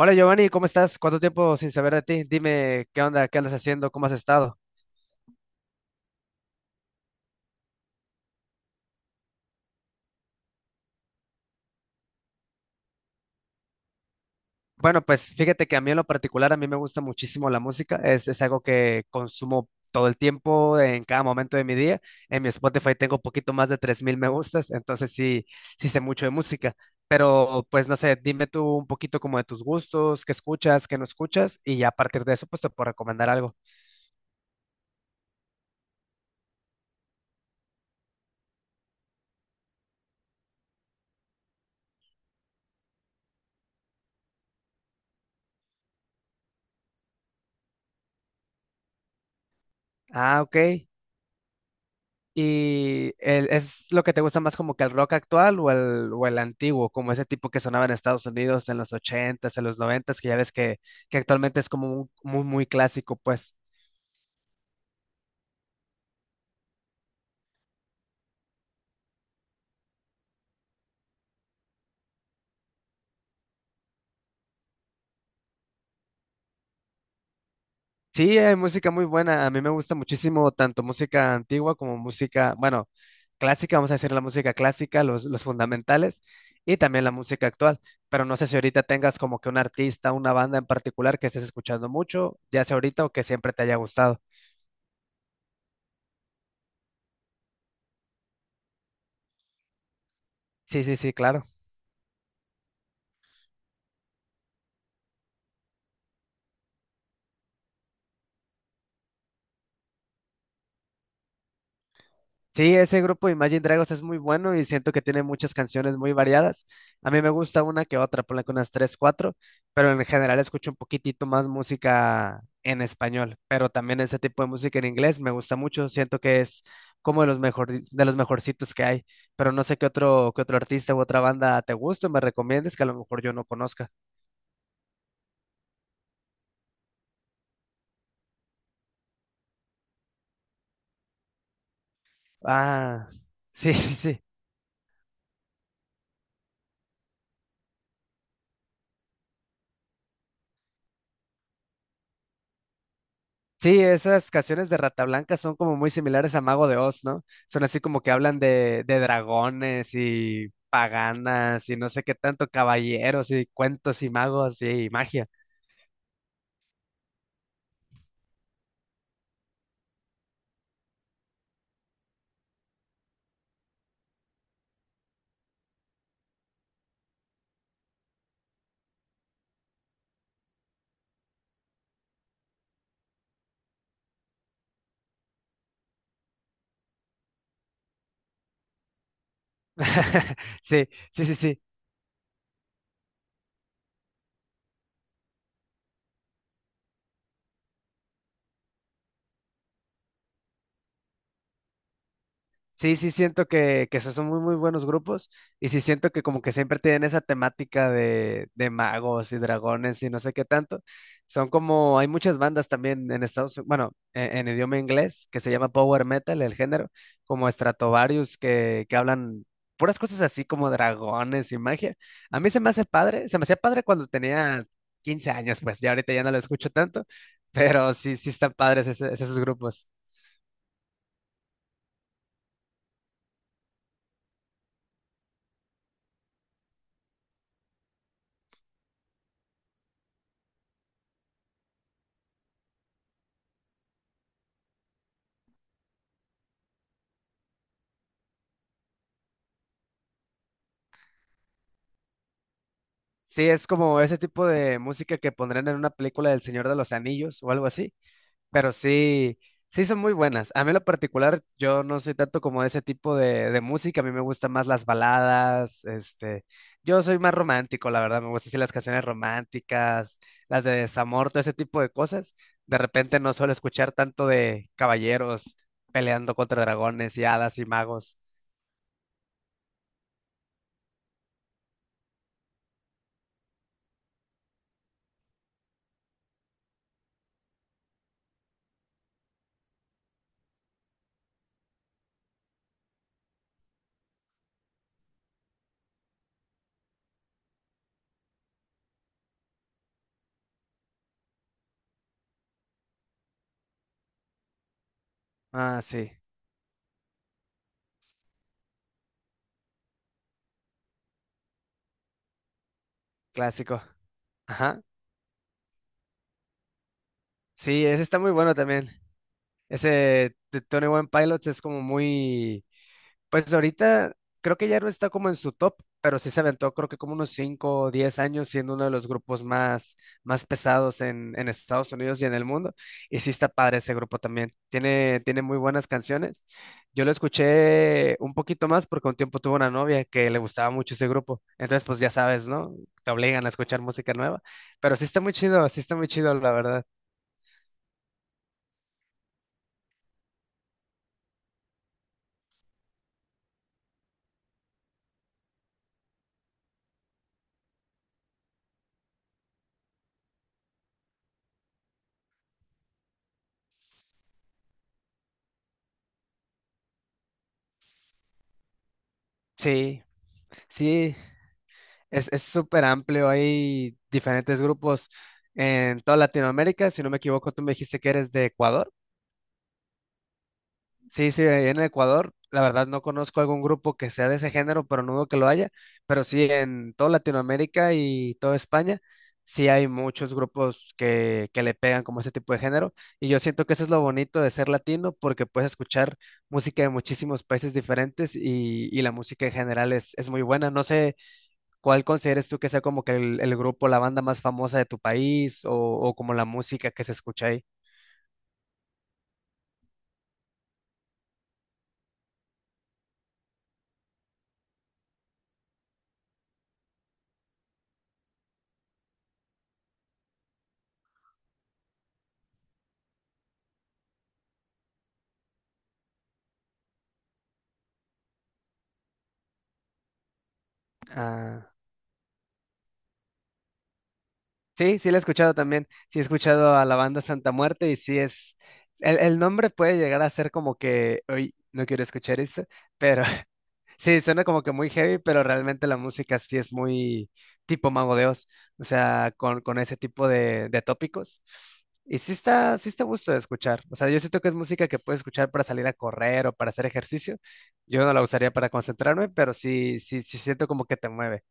Hola Giovanni, ¿cómo estás? ¿Cuánto tiempo sin saber de ti? Dime, ¿qué onda? ¿Qué andas haciendo? ¿Cómo has estado? Bueno, pues fíjate que a mí en lo particular, a mí me gusta muchísimo la música. Es algo que consumo todo el tiempo, en cada momento de mi día. En mi Spotify tengo un poquito más de 3000 me gustas, entonces sí, sí sé mucho de música. Pero pues no sé, dime tú un poquito como de tus gustos, qué escuchas, qué no escuchas, y ya a partir de eso pues te puedo recomendar algo. Ah, ok. ¿Y el- es lo que te gusta más como que el rock actual o el antiguo, como ese tipo que sonaba en Estados Unidos en los ochentas en los noventas que ya ves que actualmente es como un- muy, muy clásico, pues? Sí, hay música muy buena. A mí me gusta muchísimo tanto música antigua como música, bueno, clásica, vamos a decir la música clásica, los fundamentales, y también la música actual. Pero no sé si ahorita tengas como que un artista, una banda en particular que estés escuchando mucho, ya sea ahorita o que siempre te haya gustado. Sí, sí, sí, claro. Sí, ese grupo Imagine Dragons es muy bueno y siento que tiene muchas canciones muy variadas. A mí me gusta una que otra, ponle que unas tres, cuatro, pero en general escucho un poquitito más música en español, pero también ese tipo de música en inglés me gusta mucho, siento que es como de los mejor, de los mejorcitos que hay, pero no sé qué otro artista u otra banda te gusta o me recomiendes que a lo mejor yo no conozca. Ah, sí, sí, sí. Sí, esas canciones de Rata Blanca son como muy similares a Mago de Oz, ¿no? Son así como que hablan de dragones y paganas y no sé qué tanto, caballeros y cuentos y magos y magia. Sí, sí, sí, sí. Sí, sí siento que esos son muy, muy buenos grupos y sí siento que como que siempre tienen esa temática de magos y dragones y no sé qué tanto. Son como, hay muchas bandas también en Estados Unidos, bueno, en idioma inglés que se llama power metal, el género, como Stratovarius que hablan puras cosas así como dragones y magia. A mí se me hace padre, se me hacía padre cuando tenía 15 años, pues ya ahorita ya no lo escucho tanto, pero sí, sí están padres ese- esos grupos. Sí, es como ese tipo de música que pondrían en una película del Señor de los Anillos o algo así, pero sí, sí son muy buenas. A mí en lo particular, yo no soy tanto como de ese tipo de música, a mí me gustan más las baladas, este, yo soy más romántico, la verdad, me gustan así las canciones románticas, las de desamor, todo ese tipo de cosas. De repente no suelo escuchar tanto de caballeros peleando contra dragones y hadas y magos. Ah, sí, clásico. Ajá. Sí, ese está muy bueno también. Ese de Tony One Pilots es como muy, pues ahorita creo que ya no está como en su top, pero sí se aventó creo que como unos 5 o 10 años siendo uno de los grupos más, más pesados en Estados Unidos y en el mundo. Y sí está padre ese grupo también. Tiene muy buenas canciones. Yo lo escuché un poquito más porque un tiempo tuve una novia que le gustaba mucho ese grupo. Entonces, pues ya sabes, ¿no? Te obligan a escuchar música nueva. Pero sí está muy chido, sí está muy chido, la verdad. Sí, sí, es súper amplio, hay diferentes grupos en toda Latinoamérica. Si no me equivoco, tú me dijiste que eres de Ecuador. Sí, sí, ahí en Ecuador. La verdad no conozco algún grupo que sea de ese género, pero no dudo que lo haya. Pero sí, en toda Latinoamérica y toda España, sí hay muchos grupos que le pegan como ese tipo de género. Y yo siento que eso es lo bonito de ser latino, porque puedes escuchar música de muchísimos países diferentes y la música en general es muy buena. No sé. ¿Cuál consideras tú que sea como que el grupo, la banda más famosa de tu país o como la música que se escucha ahí? Ah, sí, sí la he escuchado también. Sí he escuchado a la banda Santa Muerte y sí es... El nombre puede llegar a ser como que, hoy no quiero escuchar esto, pero sí, suena como que muy heavy, pero realmente la música sí es muy tipo Mago de Oz, o sea, con ese tipo de tópicos. Y sí está a gusto de escuchar. O sea, yo siento que es música que puedes escuchar para salir a correr o para hacer ejercicio. Yo no la usaría para concentrarme, pero sí, sí, sí siento como que te mueve.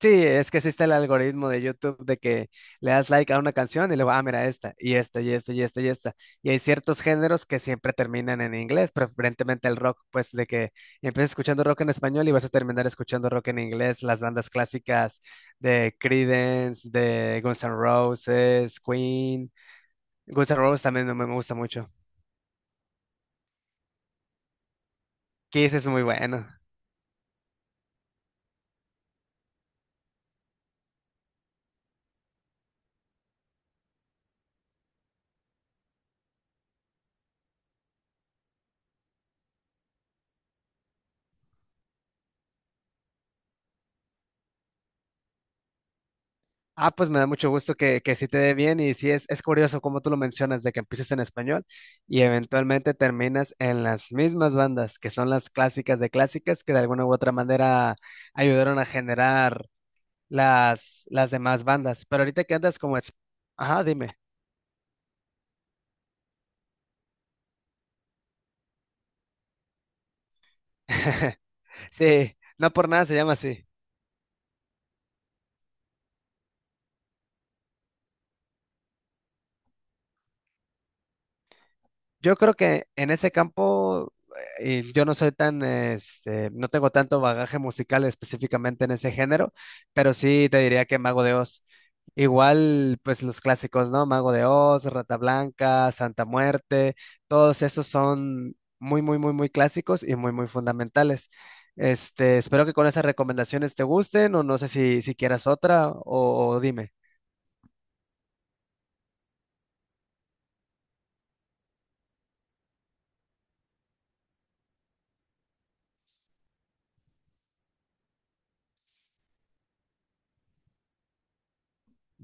Sí, es que existe el algoritmo de YouTube de que le das like a una canción y luego, ah, mira, esta, y esta, y esta, y esta, y esta. Y hay ciertos géneros que siempre terminan en inglés, preferentemente el rock, pues de que empiezas escuchando rock en español y vas a terminar escuchando rock en inglés, las bandas clásicas de Creedence, de Guns N' Roses, Queen. Guns N' Roses también me gusta mucho. Kiss es muy bueno. Ah, pues me da mucho gusto que sí te dé bien y sí es curioso como tú lo mencionas de que empieces en español y eventualmente terminas en las mismas bandas que son las clásicas de clásicas que de alguna u otra manera ayudaron a generar las demás bandas. Pero ahorita que andas como... ex- Ajá, dime. Sí, no por nada se llama así. Yo creo que en ese campo yo no soy tan, este, no tengo tanto bagaje musical específicamente en ese género, pero sí te diría que Mago de Oz. Igual, pues los clásicos, ¿no? Mago de Oz, Rata Blanca, Santa Muerte, todos esos son muy, muy, muy, muy clásicos y muy, muy fundamentales. Este, espero que con esas recomendaciones te gusten o no sé si, si quieras otra o dime.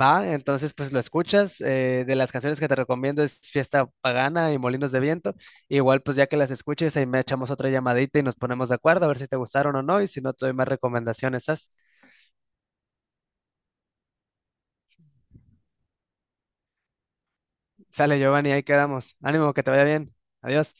Va, entonces pues lo escuchas. De las canciones que te recomiendo es Fiesta Pagana y Molinos de Viento. Igual pues ya que las escuches ahí me echamos otra llamadita y nos ponemos de acuerdo a ver si te gustaron o no y si no te doy más recomendaciones. Sas. Sale Giovanni, ahí quedamos. Ánimo, que te vaya bien. Adiós.